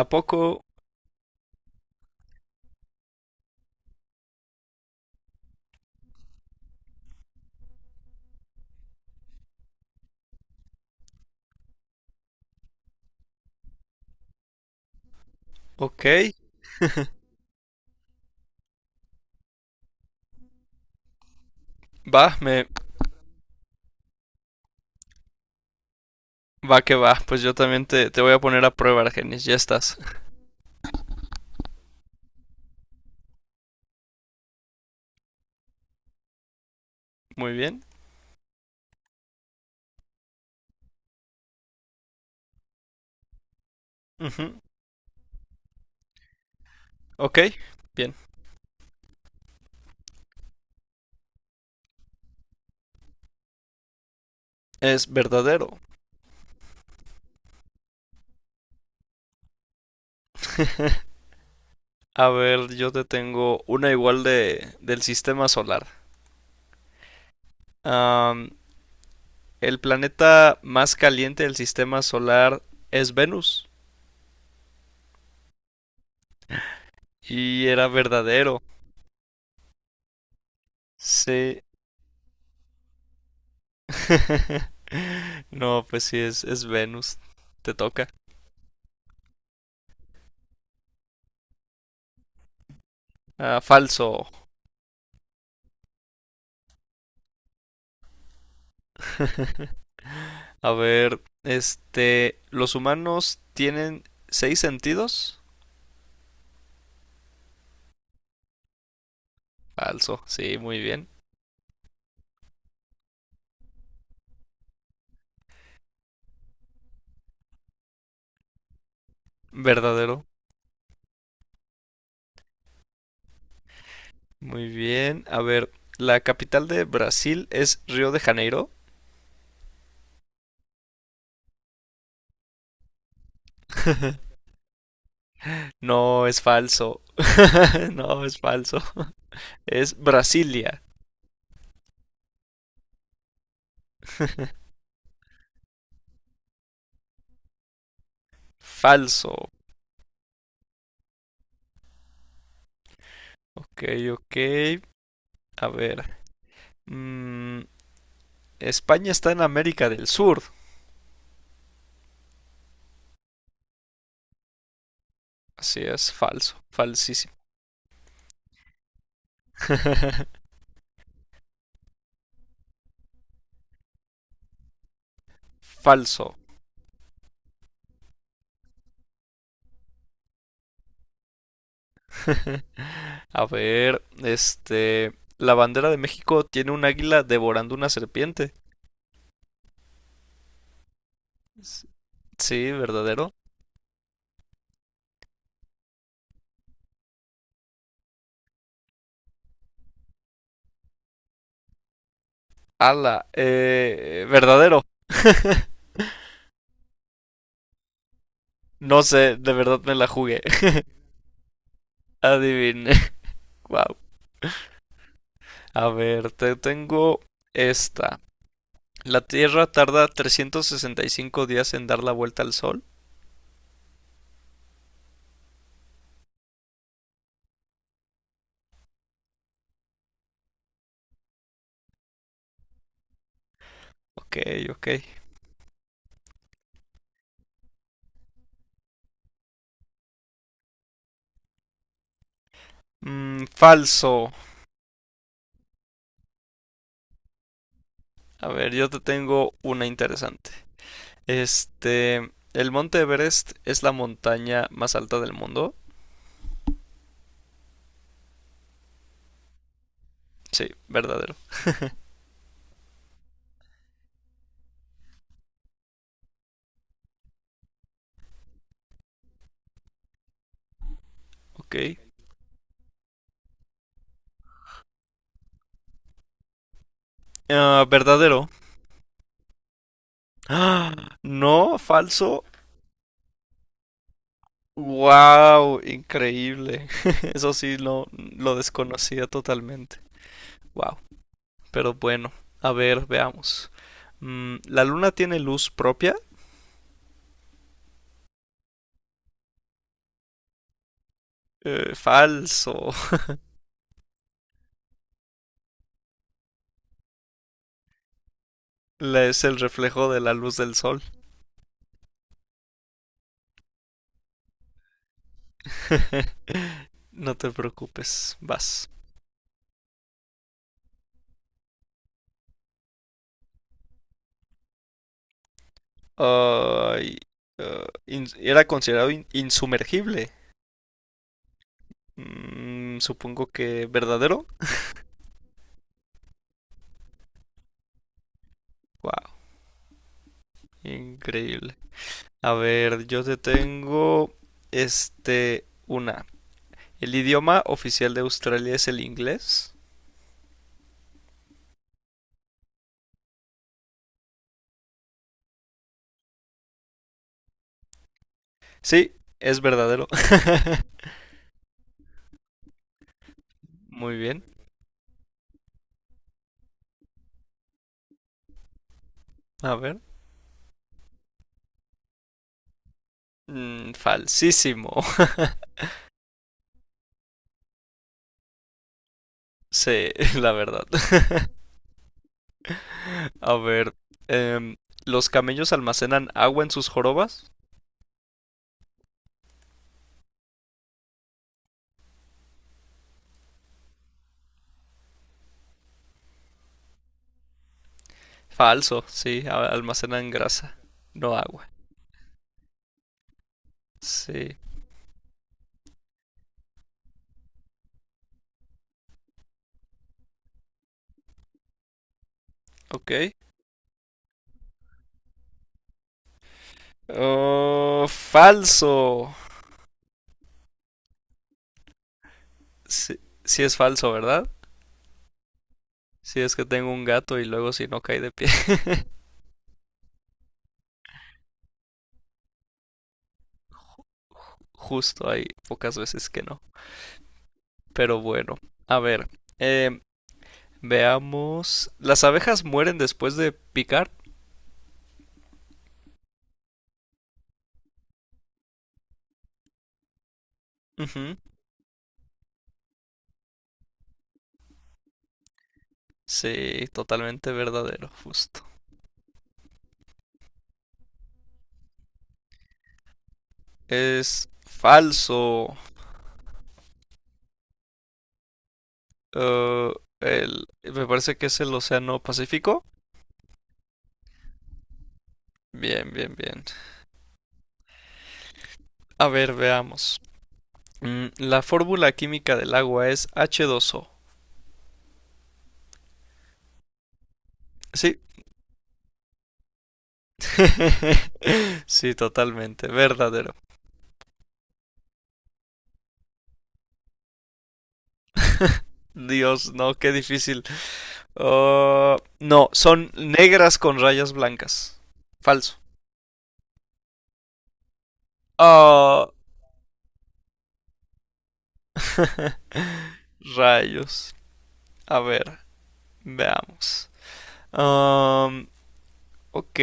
¿A poco? Ok. Va, me Va que va. Pues yo también te voy a poner a prueba, Argenis. Ya estás. Muy bien. Ujú. Ok, bien. Es verdadero. A ver, yo te tengo una igual de del sistema solar. Am, el planeta más caliente del sistema solar es Venus. Y era verdadero. Sí. No, pues sí, es Venus. Te toca. Ah, falso. A ver, este, ¿los humanos tienen seis sentidos? Falso, sí, muy bien. Verdadero, muy bien. A ver, ¿la capital de Brasil es Río de Janeiro? No, es falso. No, es falso. Es Brasilia. Falso. Ok, ok. A ver. mm, España está en América del Sur. Así es, falso. Falsísimo. Falso. A ver, este, la bandera de México tiene un águila devorando una serpiente. S- Sí, verdadero. Ala, verdadero. No sé, de verdad me la jugué. Adivine. Wow. A ver, te tengo esta. La Tierra tarda 365 días en dar la vuelta al Sol. Ok, ok. Falso. A ver, yo te tengo una interesante. Este, el monte Everest es la montaña más alta del mundo. Sí, verdadero. Ok. Ah, verdadero. ¡Ah! No, falso. Wow, increíble. Eso sí, lo desconocía totalmente. Wow. Pero bueno, a ver, veamos. ¿La luna tiene luz propia? Falso. Es el reflejo de la luz del sol. No te preocupes, vas. Ay, era considerado insumergible. Supongo que verdadero. Wow, increíble. A ver, yo te tengo una. ¿El idioma oficial de Australia es el inglés? Sí, es verdadero. Muy bien. A ver. Falsísimo. Sí, la verdad. A ver, em, ¿los camellos almacenan agua en sus jorobas? Falso, sí, almacenan grasa, no agua. Sí, ok. Oh, falso. Sí, sí es falso, ¿verdad? Sí, es que tengo un gato y luego si no cae de pie. Justo hay pocas veces que no. Pero bueno, a ver. em, Veamos. ¿Las abejas mueren después de picar? Ujú. Sí, totalmente verdadero, justo. Es falso. Eh, Me parece que es el Océano Pacífico. Bien, bien, bien. A ver, veamos. La fórmula química del agua es H2O. Sí. Sí, totalmente. Verdadero. Dios, no, qué difícil. Ah, no, son negras con rayas blancas. Falso. Ah. Rayos. A ver, veamos. Am, ok,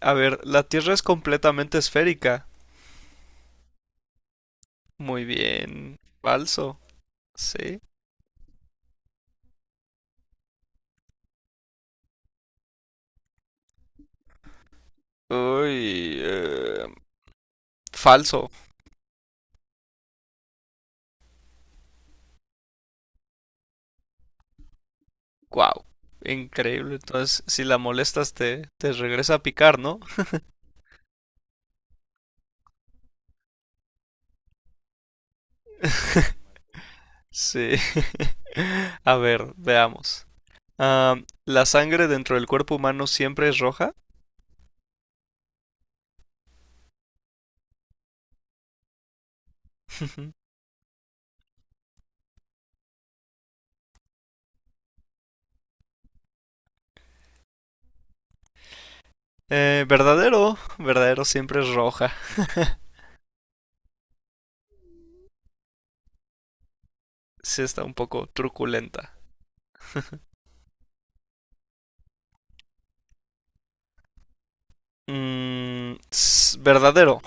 a ver, la Tierra es completamente esférica. Muy bien. Falso. Sí. Uy, falso. Wow, increíble. Entonces, si la molestas, te regresa a picar, ¿no? Sí. A ver, veamos. Ah, ¿la sangre dentro del cuerpo humano siempre es roja? Verdadero, verdadero siempre es roja. Sí está un poco truculenta. Verdadero.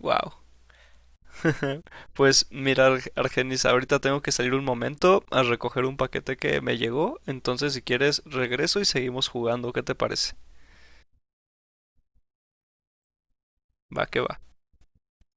Wow. Pues mira, Argenis, ahorita tengo que salir un momento a recoger un paquete que me llegó, entonces si quieres regreso y seguimos jugando, ¿qué te parece? Va que va.